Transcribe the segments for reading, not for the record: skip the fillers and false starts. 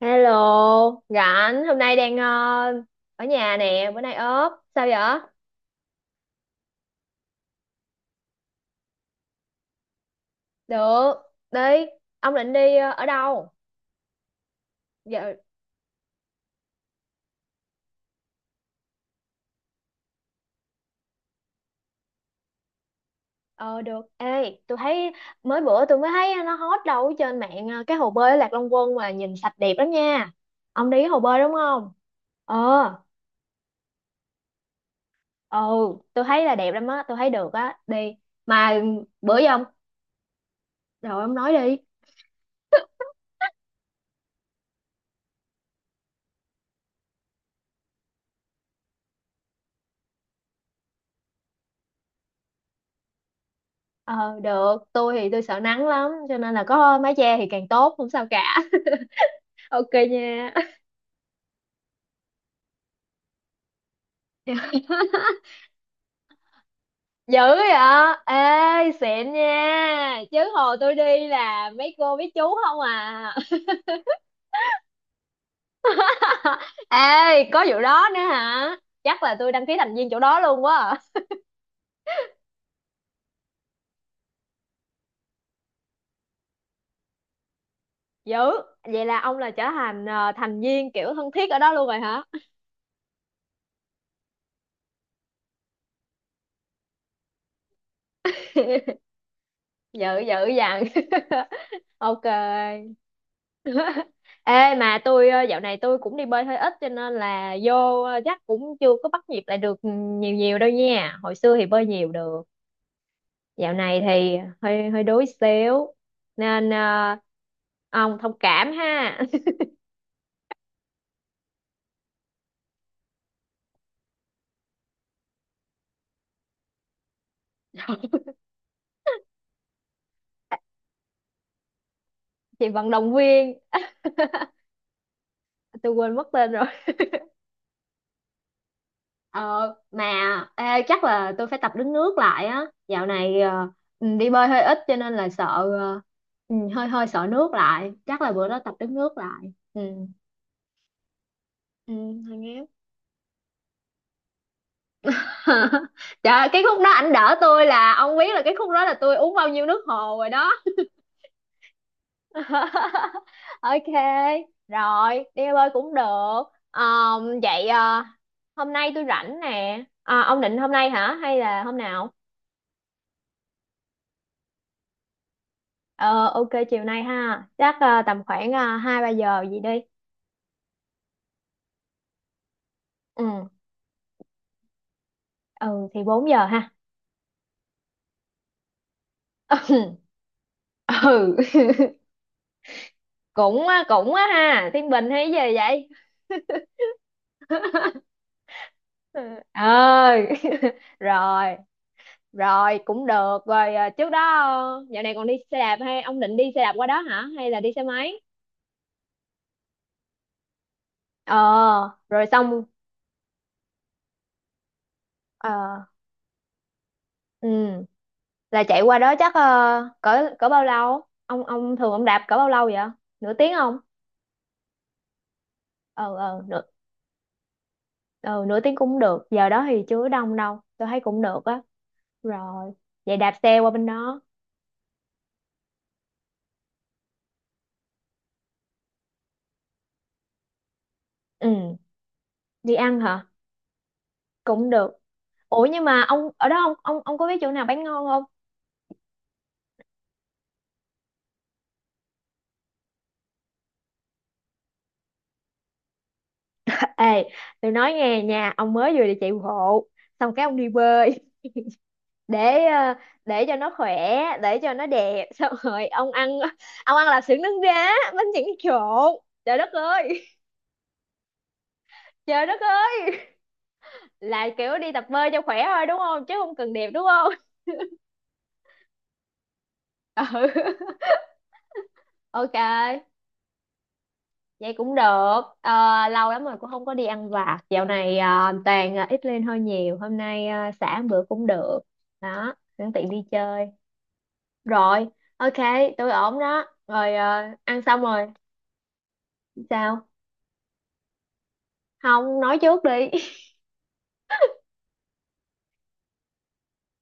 Hello, rảnh hôm nay đang ở nhà nè, bữa nay ốp. Sao vậy? Được, đi. Ông định đi ở đâu? Giờ ờ được. Ê, tôi thấy mới bữa tôi mới thấy nó hot đâu ở trên mạng cái hồ bơi ở Lạc Long Quân mà nhìn sạch đẹp lắm nha. Ông đi cái hồ bơi đúng không? Ờ, ừ, tôi thấy là đẹp lắm á, tôi thấy được á, đi. Mà bữa giờ ông rồi ông nói đi. Ờ được, tôi thì tôi sợ nắng lắm cho nên là có mái che thì càng tốt, không sao cả. Ok nha. dữ vậy ê xịn nha chứ hồi tôi đi là mấy cô mấy chú không à ê có vụ đó nữa hả chắc là tôi đăng ký thành viên chỗ đó luôn quá à. Dữ vậy là ông là trở thành thành viên kiểu thân thiết ở đó luôn rồi hả dữ dữ dằn ok Ê mà tôi dạo này tôi cũng đi bơi hơi ít cho nên là vô chắc cũng chưa có bắt nhịp lại được nhiều nhiều đâu nha. Hồi xưa thì bơi nhiều được. Dạo này thì hơi hơi đuối xíu nên ông thông cảm ha. Chị vận động viên, tôi quên mất tên rồi. Ờ mà ê, chắc là tôi phải tập đứng nước lại á. Dạo này đi bơi hơi ít cho nên là ờ, hơi hơi sợ nước lại. Chắc là bữa đó tập đứng nước lại. Ừ. Ừ, hơi ngán. Trời ơi, cái khúc đó ảnh đỡ tôi là ông biết là cái khúc đó là tôi uống bao nhiêu nước hồ rồi đó. ok rồi đi bơi cũng được Vậy hôm nay tôi rảnh nè à, ông định hôm nay hả hay là hôm nào ờ ok chiều nay ha chắc tầm khoảng 2-3 giờ gì đi ừ ừ thì 4 giờ ha ừ cũng á ha thiên bình hay gì vậy ừ Ờ rồi Rồi cũng được Rồi à, trước đó dạo này còn đi xe đạp hay Ông định đi xe đạp qua đó hả Hay là đi xe máy Ờ rồi xong ờ, ừ, Là chạy qua đó chắc cỡ cỡ bao lâu Ông thường ông đạp cỡ bao lâu vậy Nửa tiếng không Ờ ờ nửa, ờ, nửa tiếng cũng được Giờ đó thì chưa có đông đâu Tôi thấy cũng được á Rồi vậy đạp xe qua bên đó Ừ đi ăn hả cũng được Ủa nhưng mà ông ở đó ông có biết chỗ nào bán ngon không Ê, tôi nói nghe nha, ông mới vừa đi chạy bộ, xong cái ông đi bơi để ờ, để cho nó khỏe, để cho nó đẹp, xong rồi ông ăn là xưởng nướng đá, bánh chưng trộn. Trời đất ơi, trời đất ơi, là kiểu đi tập bơi cho khỏe thôi đúng không? Chứ không cần đẹp đúng không? Ừ, ok, vậy cũng được. Ờ, lâu lắm rồi cũng không có đi ăn vặt. Dạo này toàn ít lên hơi nhiều. Hôm nay xả một bữa cũng được. Đó, sẵn tiện đi chơi. Rồi, ok, tôi ổn đó. Rồi ăn xong rồi, sao? Không, nói trước đi.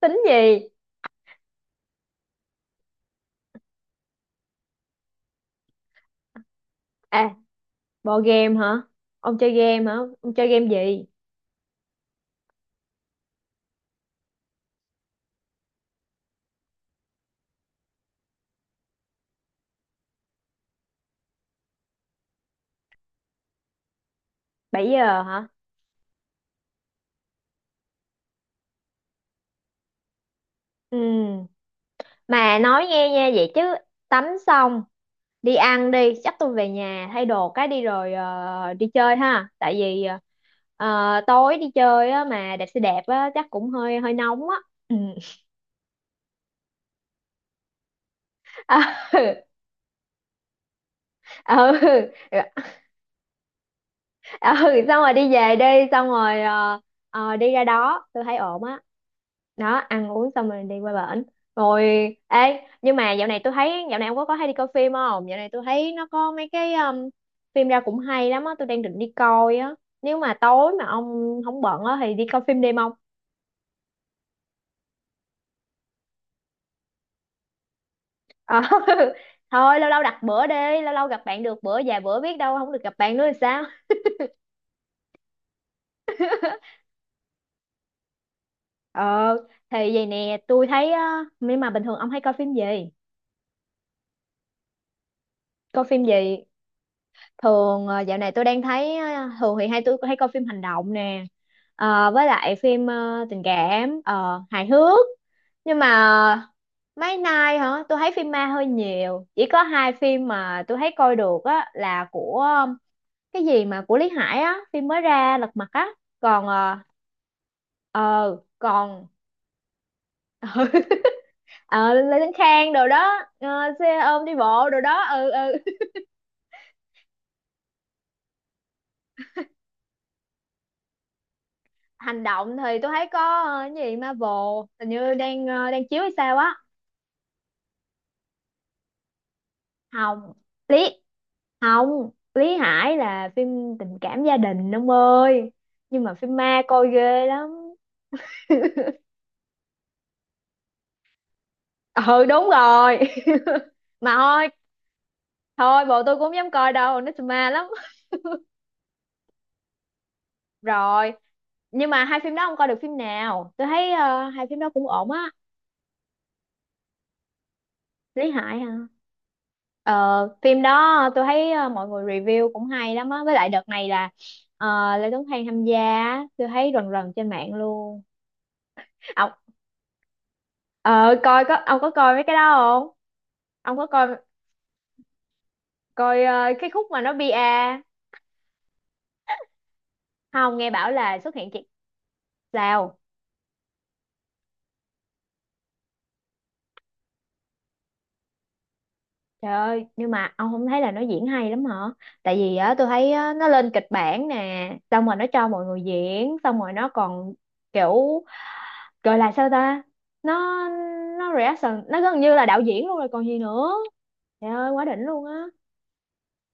Tính gì? À, bộ game hả? Ông chơi game hả? Ông chơi game gì? 7 giờ hả? Ừ. Mà nói nghe nha vậy chứ tắm xong đi ăn đi, chắc tôi về nhà thay đồ cái đi rồi đi chơi ha. Tại vì tối đi chơi á mà đạp xe đạp á chắc cũng hơi hơi nóng á. Ừ. ừ. ừ. ừ xong rồi đi về đi xong rồi đi ra đó tôi thấy ổn á đó. Ăn uống xong rồi đi qua bển rồi ê nhưng mà dạo này ông có hay đi coi phim không dạo này tôi thấy nó có mấy cái phim ra cũng hay lắm á tôi đang định đi coi á nếu mà tối mà ông không bận á thì đi coi phim đêm ông Ờ, thôi lâu lâu đặt bữa đi lâu lâu gặp bạn được bữa vài bữa biết đâu không được gặp bạn nữa thì sao ờ thì vậy nè tôi thấy á, nhưng mà bình thường ông hay coi phim gì thường dạo này tôi đang thấy thường thì hay tôi hay coi phim hành động nè Ờ, với lại phim tình cảm hài hước nhưng mà mấy nay hả tôi thấy phim ma hơi nhiều chỉ có hai phim mà tôi thấy coi được á là của cái gì mà của Lý Hải á phim mới ra Lật Mặt á còn ờ, còn ờ Lê Tấn Khang đồ đó xe ôm đi bộ đồ đó ừ ừ hành động thì tôi thấy có cái gì Marvel hình như đang chiếu hay sao á Hồng Lý Hồng Lý Hải là phim tình cảm gia đình ông ơi nhưng mà phim ma coi ghê lắm ừ đúng rồi mà thôi thôi bộ tôi cũng không dám coi đâu nó ma lắm rồi nhưng mà hai phim đó không coi được phim nào tôi thấy hai phim đó cũng ổn á Lý Hải hả? Ờ, phim đó tôi thấy mọi người review cũng hay lắm á. Với lại đợt này là Lê Tuấn Khang tham gia, á, tôi thấy rần rần trên mạng luôn. Ông ông có coi mấy cái đó không? Ông có coi coi cái khúc mà nó bia không? Nghe bảo là xuất hiện chị Sao? Trời ơi, nhưng mà ông không thấy là nó diễn hay lắm hả? Tại vì á tôi thấy á, nó lên kịch bản nè, xong rồi nó cho mọi người diễn, xong rồi nó còn kiểu gọi là sao ta nó nó reaction nó gần như là đạo diễn luôn rồi còn gì nữa trời ơi quá đỉnh luôn á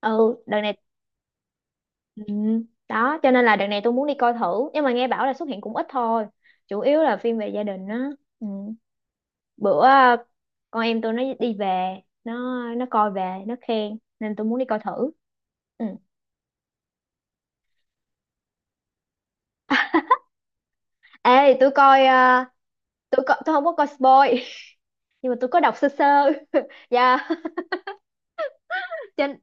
ừ đợt này ừ, đó cho nên là đợt này tôi muốn đi coi thử nhưng mà nghe bảo là xuất hiện cũng ít thôi chủ yếu là phim về gia đình á ừ. bữa con em tôi nó đi về nó coi về nó khen nên tôi muốn đi coi thử ừ. ê tôi coi ờ, tôi co- tôi không có coi spoil nhưng mà tôi có đọc sơ sơ dạ trên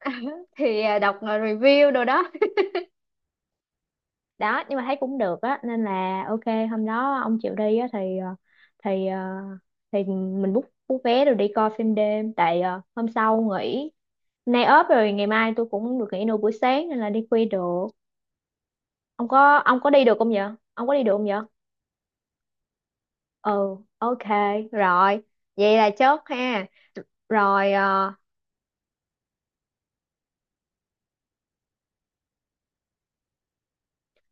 thì à, đọc à, review đồ đó đó nhưng mà thấy cũng được á nên là ok hôm đó ông chịu đi á thì thì ờ, thì mình book book vé rồi đi coi phim đêm tại hôm sau nghỉ nay ốp rồi ngày mai tôi cũng được nghỉ nửa buổi sáng nên là đi khuya được ông có đi được không vậy ông có đi được không vậy ừ ok rồi vậy là chốt ha rồi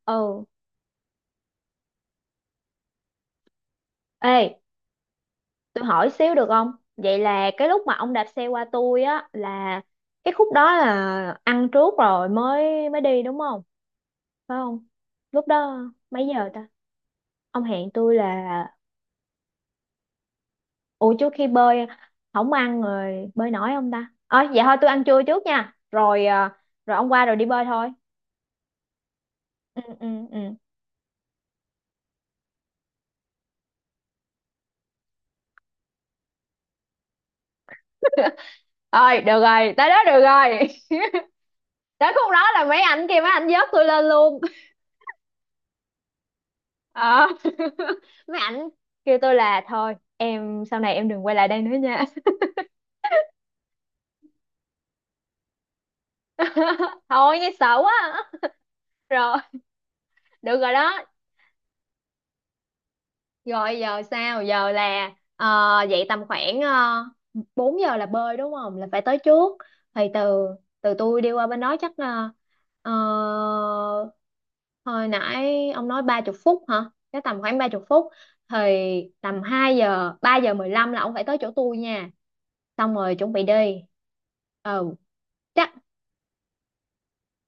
ừ ê Tôi hỏi xíu được không? Vậy là cái lúc mà ông đạp xe qua tôi á là cái khúc đó là ăn trước rồi mới mới đi đúng không? Phải không? Lúc đó mấy giờ ta? Ông hẹn tôi là ủa trước khi bơi không ăn rồi bơi nổi không ta? Ờ vậy thôi tôi ăn trưa trước nha. Rồi ông qua rồi đi bơi thôi. Ừ ừ ừ. Ơi được rồi, tới đó được rồi. Tới khúc đó là mấy ảnh vớt tôi lên luôn. ờ mấy ảnh kêu tôi là thôi em sau này em đừng quay lại đây nữa nha thôi nghe sợ quá rồi được rồi đó rồi giờ sao giờ là ờ, dậy tầm khoảng 4 giờ là bơi đúng không là phải tới trước thì từ từ tôi đi qua bên đó chắc là ờ, hồi nãy ông nói 30 phút hả cái tầm khoảng 30 phút thì tầm 2 giờ 3:15 là ông phải tới chỗ tôi nha xong rồi chuẩn bị đi ừ chắc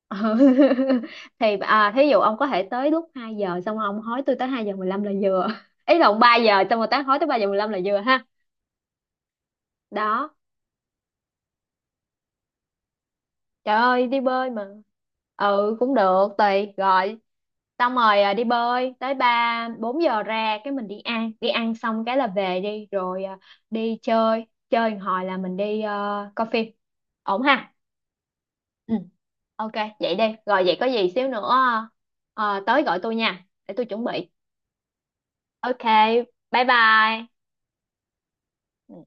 ừ. thì à, thí dụ ông có thể tới lúc 2 giờ xong rồi ông hối tôi tới 2:15 là vừa ý lộn 3 giờ xong rồi tán hối tới 3:15 là vừa ha đó trời ơi đi bơi mà ừ cũng được tùy rồi xong rồi à, đi bơi tới 3-4 giờ ra cái mình đi ăn xong cái là về đi rồi à, đi chơi chơi một hồi là mình đi coi phim ổn ha ừ ok vậy đi rồi vậy có gì xíu nữa tới gọi tôi nha để tôi chuẩn bị Ok, bye bye.